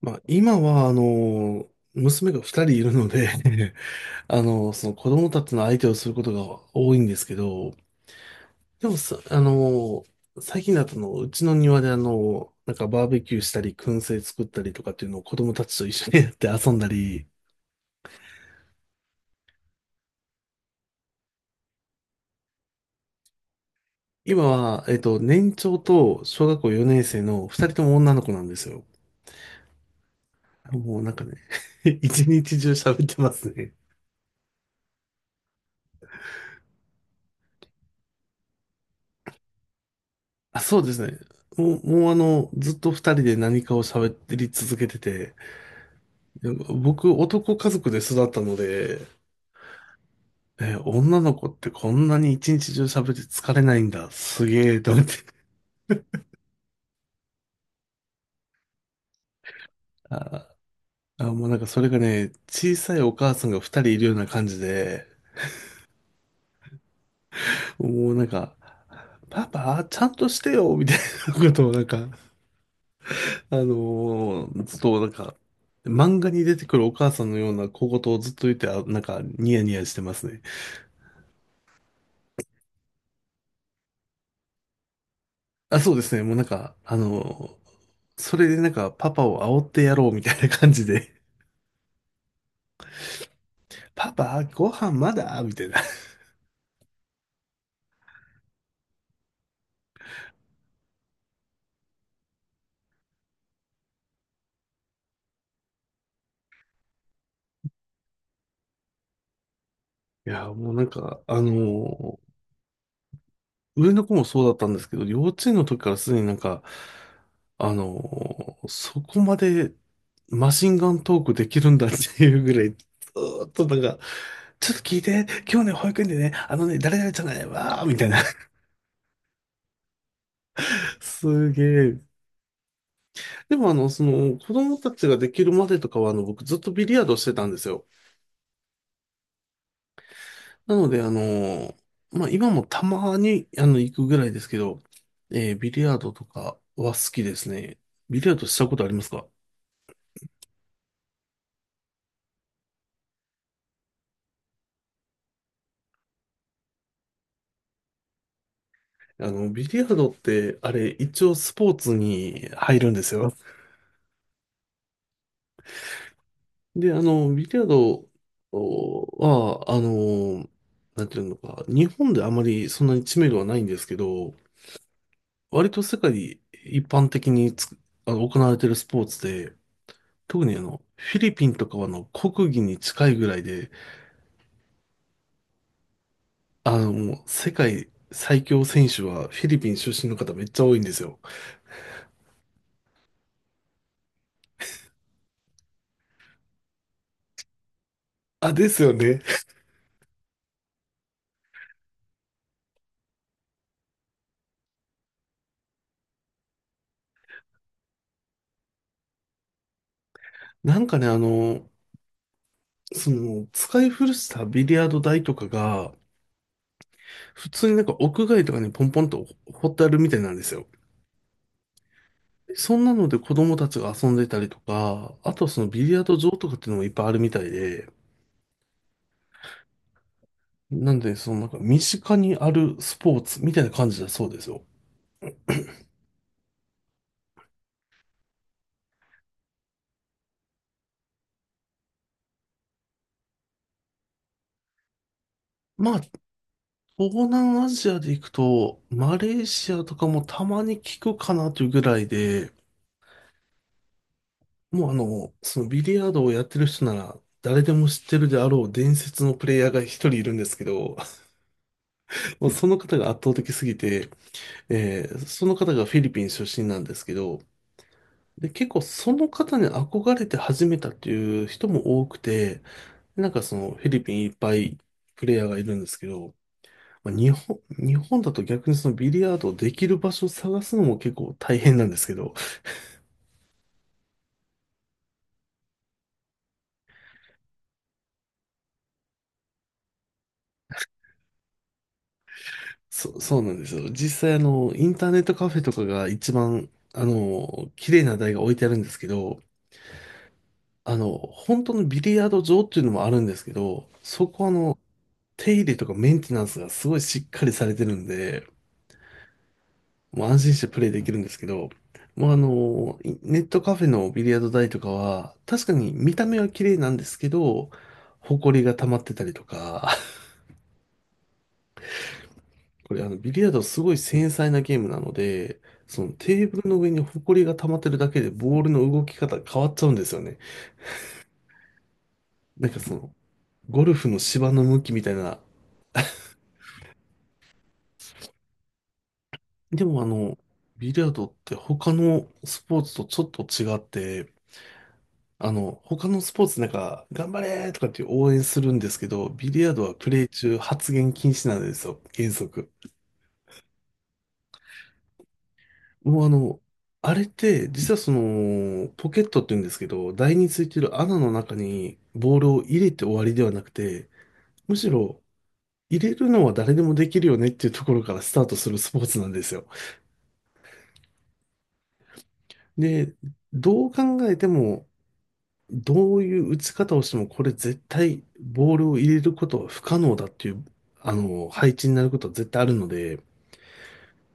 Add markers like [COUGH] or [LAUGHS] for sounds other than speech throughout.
まあ、今は、娘が二人いるので [LAUGHS] その子供たちの相手をすることが多いんですけど、でもさ、あの、最近だとうちの庭でなんかバーベキューしたり、燻製作ったりとかっていうのを子供たちと一緒にやって遊んだり。今は、年長と小学校4年生の二人とも女の子なんですよ。もうなんかね、 [LAUGHS] 一日中喋ってますね。あ、そうですね。もうあの、ずっと二人で何かを喋り続けてて、でも僕、男家族で育ったので、え、女の子ってこんなに一日中喋って疲れないんだ。すげえ、と思って。あ、もうなんかそれがね、小さいお母さんが二人いるような感じで、もうなんか、パパ、ちゃんとしてよ、みたいなことをなんか、ずっとなんか、漫画に出てくるお母さんのような小言をずっと言って、あ、なんか、ニヤニヤしてますね。あ、そうですね。もうなんか、あのーそれでなんか、パパを煽ってやろうみたいな感じで、パパ、ご飯まだみたいな。いや、もうなんか、上の子もそうだったんですけど、幼稚園の時からすでになんか、そこまでマシンガントークできるんだっていうぐらい、ずーっとなんか、ちょっと聞いて、今日ね、保育園でね、あのね、誰々じゃないわーみたいな。[LAUGHS] すげえ。でもその、子供たちができるまでとかは、あの、僕ずっとビリヤードしてたんですよ。なので、まあ、今もたまに、あの、行くぐらいですけど、えービリヤードとかは好きですね。ビリヤードしたことありますか？あの、ビリヤードって、あれ、一応スポーツに入るんですよ。で、あの、ビリヤードは、あの、なんていうのか、日本であまりそんなに知名度はないんですけど、割と世界一般的につく、あの、行われているスポーツで、特にあの、フィリピンとかはあの、国技に近いぐらいで、あの、もう世界最強選手はフィリピン出身の方めっちゃ多いんですよ。あ、ですよね。なんかね、あの、その、使い古したビリヤード台とかが、普通になんか屋外とかにポンポンと掘ってあるみたいなんですよ。そんなので子供たちが遊んでたりとか、あとはそのビリヤード場とかっていうのもいっぱいあるみたいで、なんで、そのなんか身近にあるスポーツみたいな感じだそうですよ。まあ東南アジアで行くと、マレーシアとかもたまに聞くかなというぐらいで、もうあの、そのビリヤードをやってる人なら、誰でも知ってるであろう伝説のプレイヤーが一人いるんですけど、[LAUGHS] もうその方が圧倒的すぎて、えーその方がフィリピン出身なんですけど、で、結構その方に憧れて始めたっていう人も多くて、なんかそのフィリピンいっぱいプレイヤーがいるんですけど、まあ日本だと逆にそのビリヤードをできる場所を探すのも結構大変なんですけど、[LAUGHS] そうなんですよ。実際あの、インターネットカフェとかが一番、あの、綺麗な台が置いてあるんですけど、あの、本当のビリヤード場っていうのもあるんですけど、そこはあの、手入れとかメンテナンスがすごいしっかりされてるんで、もう安心してプレイできるんですけど、もうあの、いネットカフェのビリヤード台とかは、確かに見た目は綺麗なんですけど、埃が溜まってたりとか、これあの、ビリヤードはすごい繊細なゲームなので、そのテーブルの上にホコリが溜まってるだけでボールの動き方変わっちゃうんですよね。なんかその、ゴルフの芝の向きみたいな。でもあの、ビリヤードって他のスポーツとちょっと違って、あの、他のスポーツなんか、頑張れーとかって応援するんですけど、ビリヤードはプレイ中発言禁止なんですよ、原則。もうあの、あれって、実はその、ポケットって言うんですけど、台についてる穴の中にボールを入れて終わりではなくて、むしろ入れるのは誰でもできるよねっていうところからスタートするスポーツなんですよ。で、どう考えても、どういう打ち方をしても、これ絶対ボールを入れることは不可能だっていう、あの、配置になることは絶対あるので、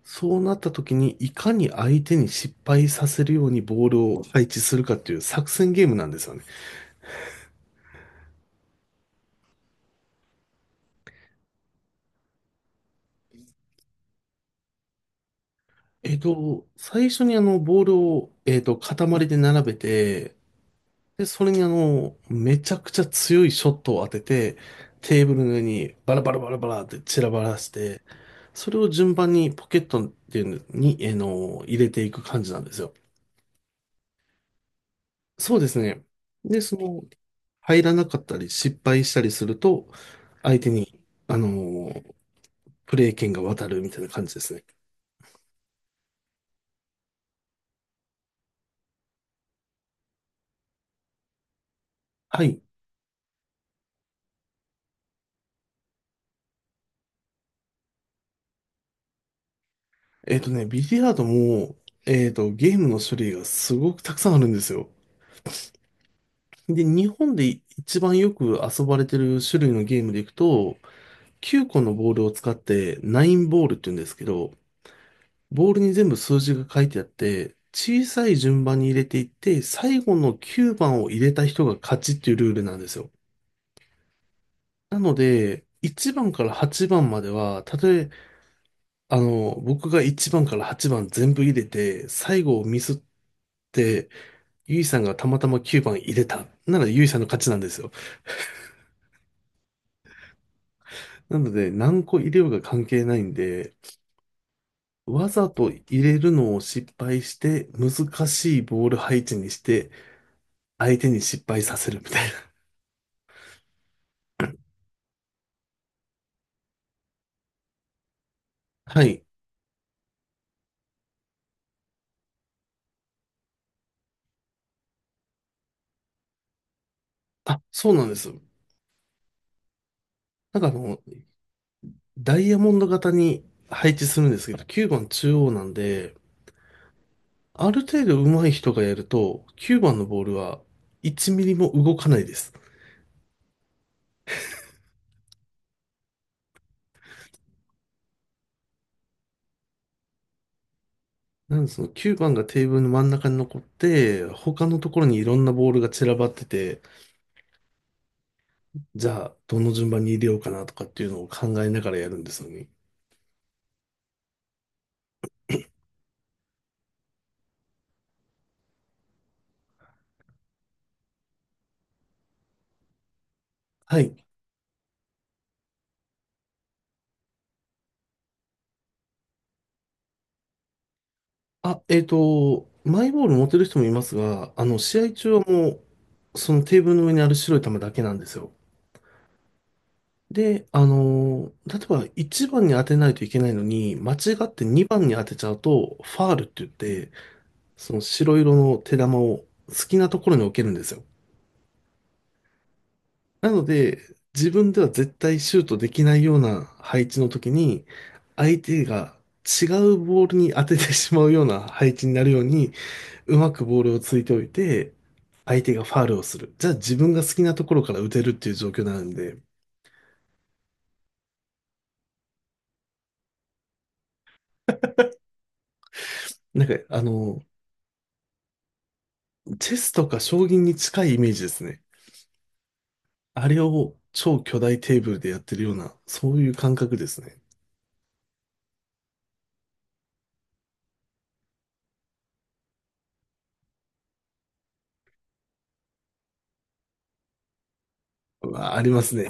そうなった時に、いかに相手に失敗させるようにボールを配置するかっていう作戦ゲームなんですよね。最初にあの、ボールを、塊で並べて、で、それにあの、めちゃくちゃ強いショットを当てて、テーブルの上にバラバラバラバラって散らばらして、それを順番にポケットっていうのに、えーの、入れていく感じなんですよ。そうですね。で、その、入らなかったり、失敗したりすると、相手に、あのープレー権が渡るみたいな感じですね。はい。えっとね、ビリヤードも、えっと、ゲームの種類がすごくたくさんあるんですよ。で、日本で一番よく遊ばれてる種類のゲームでいくと、9個のボールを使って、ナインボールって言うんですけど、ボールに全部数字が書いてあって、小さい順番に入れていって、最後の9番を入れた人が勝ちっていうルールなんですよ。なので、1番から8番までは、たとえ、あの、僕が1番から8番全部入れて、最後をミスって、ゆいさんがたまたま9番入れた。なのでゆいさんの勝ちなんですよ。なので何個入れようが関係ないんで、わざと入れるのを失敗して、難しいボール配置にして、相手に失敗させるみたいな。[LAUGHS] はい。あ、そうなんです。なんかあの、ダイヤモンド型に配置するんですけど、9番中央なんで、ある程度上手い人がやると、9番のボールは1ミリも動かないです。なんでその9番がテーブルの真ん中に残って、他のところにいろんなボールが散らばってて、じゃあどの順番に入れようかなとかっていうのを考えながらやるんですよね。はい。あ、えっと、マイボール持てる人もいますが、あの、試合中はそのテーブルの上にある白い球だけなんですよ。で、あのー、例えば1番に当てないといけないのに、間違って2番に当てちゃうと、ファールって言って、その白色の手玉を好きなところに置けるんですよ。なので、自分では絶対シュートできないような配置の時に、相手が違うボールに当ててしまうような配置になるように、うまくボールをついておいて、相手がファールをする。じゃあ自分が好きなところから打てるっていう状況になるんで、なんか、あの、チェスとか将棋に近いイメージですね。あれを超巨大テーブルでやってるような、そういう感覚ですね。うわありますね。